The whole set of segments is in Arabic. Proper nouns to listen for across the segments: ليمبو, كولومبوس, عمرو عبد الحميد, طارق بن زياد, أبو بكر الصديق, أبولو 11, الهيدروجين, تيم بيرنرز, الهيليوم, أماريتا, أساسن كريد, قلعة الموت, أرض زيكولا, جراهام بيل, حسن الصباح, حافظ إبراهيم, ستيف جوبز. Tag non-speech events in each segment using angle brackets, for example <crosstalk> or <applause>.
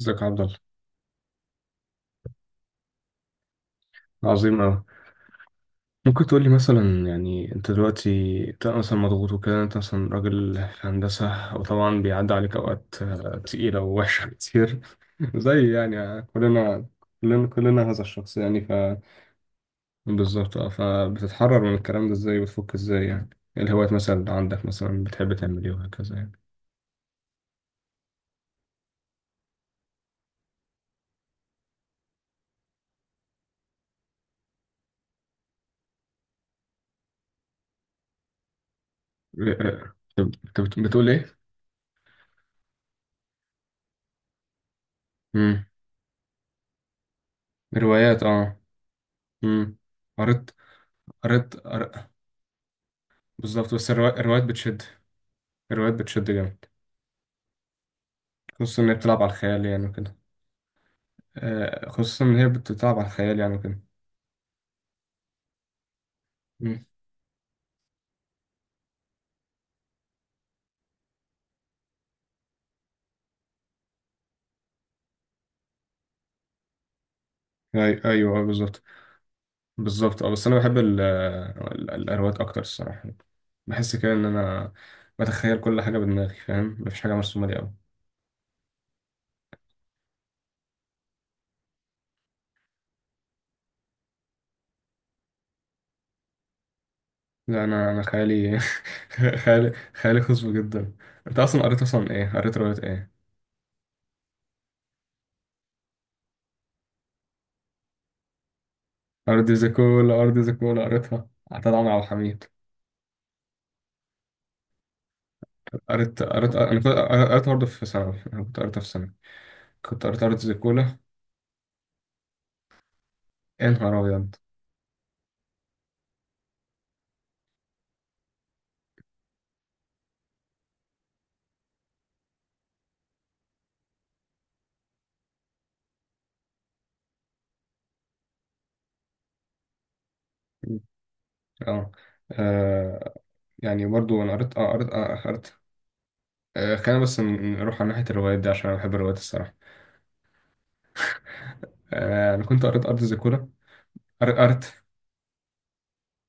ازيك يا عبد الله. عظيم أوي. ممكن تقول لي مثلا يعني أنت دلوقتي أنت مثلا مضغوط وكده، أنت مثلا راجل في هندسة وطبعا بيعدي عليك أوقات تقيلة ووحشة <laughs> كتير زي يعني كلنا. كلنا هذا الشخص يعني بالظبط. أه، فبتتحرر من الكلام ده إزاي وتفك إزاي يعني. إيه الهوايات مثلا اللي عندك، مثلا بتحب تعمل إيه وهكذا يعني. آه، آه، أنت بتقول إيه؟ مم. روايات أه. مم. قريت قريت قر- بالظبط. بس الروايات بتشد. الروايات بتشد جامد. خصوصا إن هي بتلعب على الخيال يعني وكده. خصوصا إن هي بتلعب على الخيال يعني وكده. مم. أيوه، بالظبط. بالظبط أه، بس أنا بحب الأرواق أكتر الصراحة يعني. بحس كده إن أنا بتخيل كل حاجة بدماغي، فاهم، مفيش حاجة مرسومة لي أوي. لا، أنا خيالي. <laughs> خيالي خصب جدا. أنت أصلا قريت أصلا إيه؟ قريت رواية إيه؟ أرض زيكولا. قريتها عطاء عمرو عبد الحميد. قريت قريت أنا كنت قريتها برضه في ثانوي، أنا كنت قريتها في ثانوي. كنت قريت أرض زيكولا. يا نهار أبيض. اه، آه، يعني برضو انا قريت اه، قريت. خلينا بس نروح على ناحية الروايات دي، عشان انا بحب الروايات الصراحة. انا كنت قريت ارض زيكولا. قريت قريت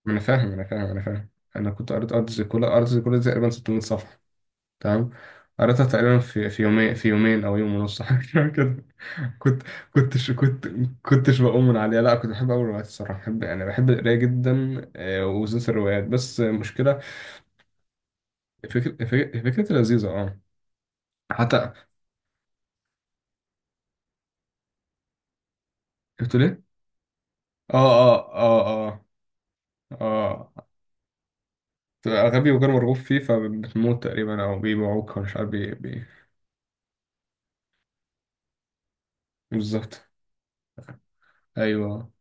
ما انا فاهم. انا كنت قريت ارض زيكولا. ارض زيكولا دي تقريبا 600 صفحة. تمام. قريتها تقريبا في يومين، يومين او يوم ونص، <laughs> حاجة شبه كده. كنت كنتش كنت كنتش بقوم من عليها. لا كنت بحب اول الروايات الصراحة، بحب انا بحب القراية جدا. وبالذات الروايات، بس المشكلة... فكرة، لذيذة اه. حتى قلت، اه اه اه اه اه، تبقى غبي وغير مرغوب فيه فبتموت تقريبا او بيبيعوك ومش عارف بي بي بالظبط، ايوه،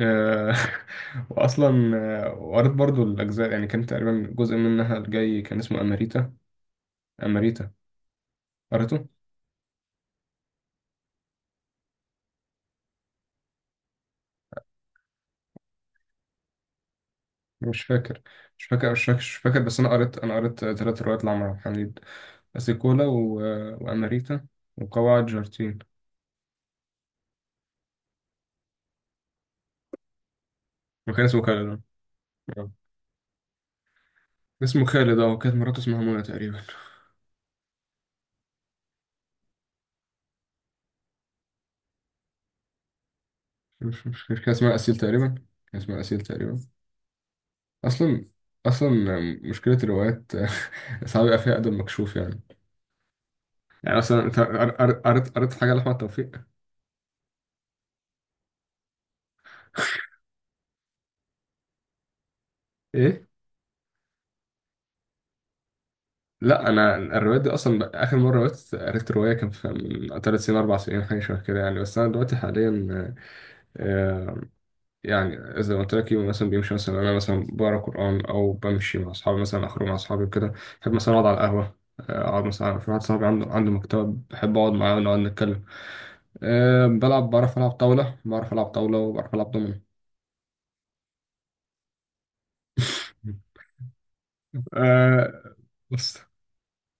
آه، <laughs> واصلا. وقريت برضو الاجزاء يعني، كان تقريبا جزء منها الجاي كان اسمه اماريتا. اماريتا قريته. مش فاكر مش فاكر، بس انا قريت، ثلاث روايات لعمر عبد الحميد: اسيكولا و... واماريتا وقواعد جارتين. وكان اسمه خالد. آه. اسمه خالد اه، وكانت مراته اسمها منى تقريبا. مش مش مش كان اسمها الأسيل تقريبا. كان اسمها الأسيل تقريبا. أصلا أصلا مشكلة الروايات، <laughs> ساعات بيبقى فيها أدب مكشوف يعني. يعني مثلا أنت قريت حاجة لأحمد توفيق؟ ايه؟ لا، أنا الروايات دي أصلا آخر مرة قريت رواية كان في من تلات سنين، أربع سنين، حاجة شبه كده يعني، بس أنا دلوقتي حاليا... آه، يعني زي ما قلت لك، يوم مثلا بيمشي مثلا أنا مثلا بقرا قرآن أو بمشي مع أصحابي، مثلا أخرج مع أصحابي وكده، بحب مثلا أقعد على القهوة. أقعد مثلا في واحد صاحبي عنده مكتبة، بحب أقعد معاه ونقعد نتكلم. أه بلعب، بعرف ألعب طاولة، وبعرف ألعب دومينو. <laughs> أه بص،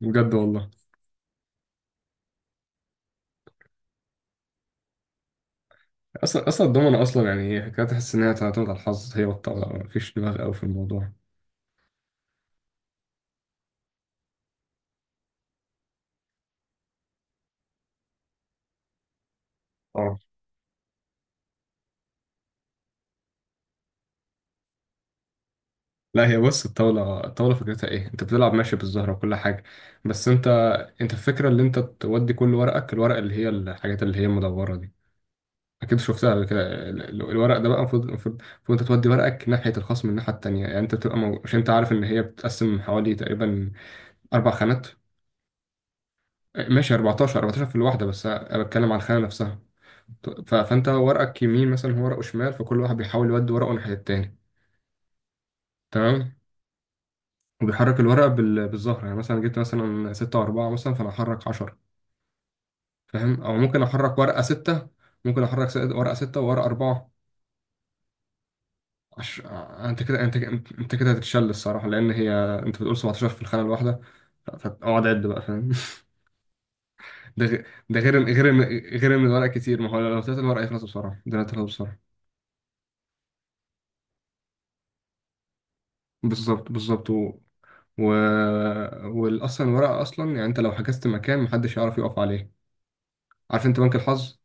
بجد والله. أصلا الدومينو أصلا يعني هي حكاية، تحس إن هي تعتمد على الحظ، هي والطاولة، مفيش دماغ أوي في الموضوع. اه، لا هي بص، الطاولة فكرتها إيه، أنت بتلعب ماشي بالزهرة وكل حاجة. بس أنت... أنت الفكرة اللي أنت تودي كل ورقك، الورق اللي هي الحاجات اللي هي المدورة دي، أكيد شفتها قبل كده. الورق ده بقى المفروض، أنت تودي ورقك ناحية الخصم، الناحية التانية يعني. أنت بتبقى مش، أنت عارف إن هي بتتقسم حوالي تقريبا أربع خانات، ماشي، 14، 14 في الواحدة، بس أنا بتكلم على الخانة نفسها. فأنت ورقك يمين مثلا، هو ورقه شمال، فكل واحد بيحاول يودي ورقه ناحية التاني. تمام. وبيحرك الورقة بالظهر. يعني مثلا جبت مثلا ستة وأربعة مثلا، فأنا أحرك عشرة، فاهم، أو ممكن أحرك ورقة ستة، ممكن أحرك ورقة ستة وورقة أربعة. عش... أنت كده، أنت أنت أنت كده هتتشل الصراحة، لأن هي أنت بتقول 17 في الخانة الواحدة، فأقعد عد بقى، فاهم. <laughs> ده غير ده غير إن غير إن غير إن الورق كتير، ما هو لو طلعت الورق يخلص بسرعة، ده هيخلص بسرعة. بالظبط و... و... والأصلا الورقة أصلا يعني، أنت لو حجزت مكان محدش يعرف يقف عليه. عارف، أنت بنك الحظ.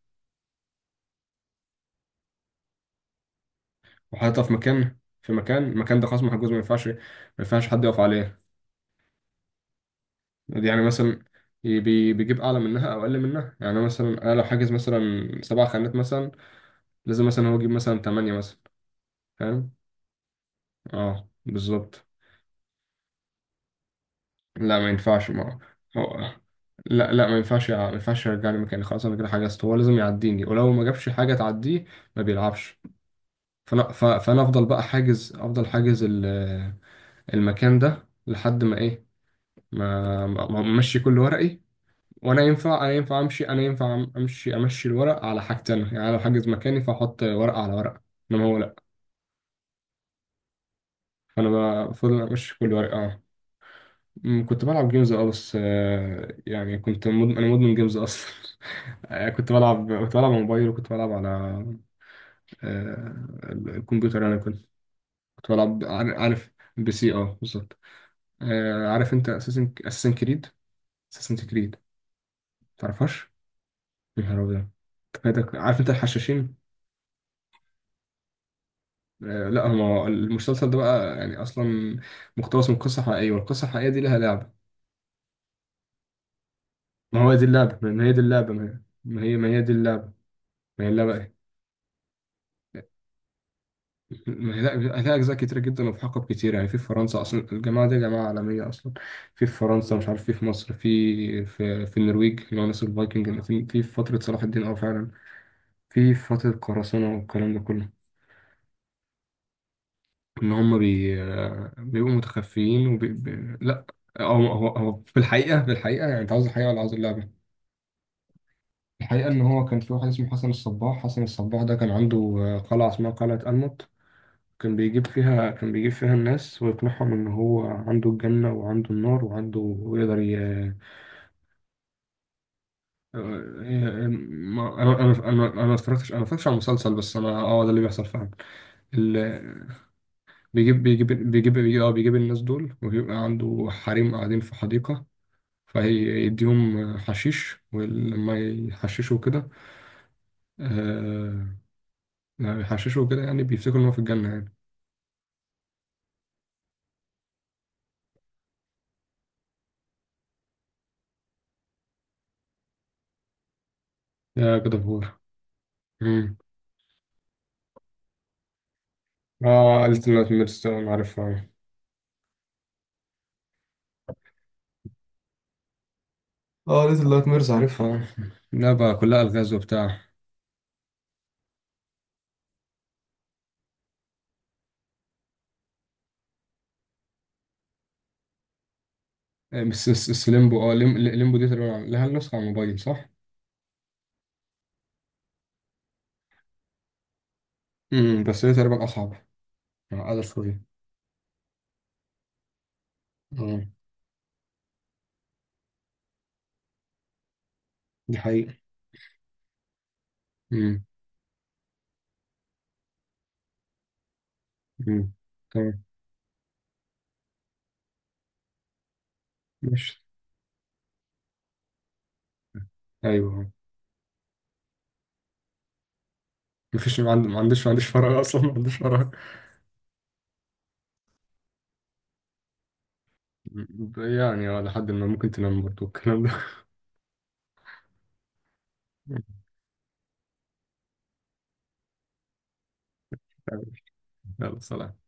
وحاططها في مكان، المكان ده خلاص محجوز، ما ينفعش، حد يقف عليه. يعني مثلا بيجيب أعلى منها أو أقل منها. يعني أنا مثلا، أنا لو حاجز مثلا سبع خانات مثلا، لازم مثلا هو يجيب مثلا تمانية مثلا، فاهم؟ أه بالظبط. لا ما ينفعش، ما هو لا، لا ما ينفعش ما ينفعش يرجعني مكاني، خلاص أنا كده حجزت، هو لازم يعديني، ولو ما جابش حاجة تعديه ما بيلعبش. فانا افضل بقى حاجز المكان ده لحد ما ايه، ما ما- ما امشي كل ورقي. وانا ينفع انا ينفع امشي انا ينفع أم- امشي، الورق على حاجتين، يعني لو حاجز مكاني فاحط ورقه على ورقه، انما هو لا. فانا بفضل امشي كل ورقه اه. أمم، كنت بلعب جيمز اه، بس يعني كنت مدمن، انا مدمن جيمز اصلا. <laughs> كنت بلعب، على موبايل، وكنت بلعب على الكمبيوتر. انا كنت كنت بلعب. عارف بي سي؟ اه بالظبط. آه عارف انت اساسن كريد؟ تعرفهاش؟ يا نهار أبيض. أنت فايتك. عارف انت الحشاشين؟ آه لا، هو المسلسل ده بقى يعني اصلا مقتبس من قصه حقيقيه، والقصه الحقيقيه دي لها لعبه. ما هو دي اللعبه، ما هي دي اللعبه ما هي ما هي ما هي دي اللعبه ما هي اللعبه ايه. ما هي لا، لها اجزاء كتيره جدا وفي حقب كتير يعني. في فرنسا اصلا، الجماعه دي جماعه عالميه اصلا. في فرنسا، مش عارف، في مصر، في النرويج، اللي هو ناس الفايكنج، في فتره صلاح الدين اه فعلا، في فتره قراصنه والكلام ده كله. ان هم بيبقوا متخفيين لا. هو هو هو في الحقيقه، يعني انت عاوز الحقيقه ولا عاوز اللعبه؟ الحقيقه ان هو كان في واحد اسمه حسن الصباح، حسن الصباح ده كان عنده قلعه اسمها قلعه الموت. كان بيجيب فيها، الناس ويقنعهم ان هو عنده الجنه وعنده النار وعنده، ويقدر انا ما اتفرجتش، على المسلسل، بس انا اه ده اللي بيحصل فعلا. ال... بيجيب بيجيب بيجيب بيجيب، آه بيجيب الناس دول، وبيبقى عنده حريم قاعدين في حديقة، فيديهم حشيش، ولما يحششوا كده... آه، لما يحششوا كده يعني بيفتكروا إن هو في الجنة يعني. يا كده بور. مم. اه قالت إن أنا ميرس، أنا عارفها. اه قالت إن ميرس عارفها. لا بقى كلها ألغاز وبتاع. بس ليمبو اه، ليمبو دي تقريبا لها النسخة على الموبايل صح؟ مم. بس هي تقريبا أصعب، أقل شوية. اه دي حقيقة. مم. مم. تمام. ماشي. ايوه. مفيش، ما عنديش، فراغ اصلا، ما عنديش فراغ. يعني اه، لحد ما ممكن تنام برضه الكلام ده. <laughs> يلا سلام.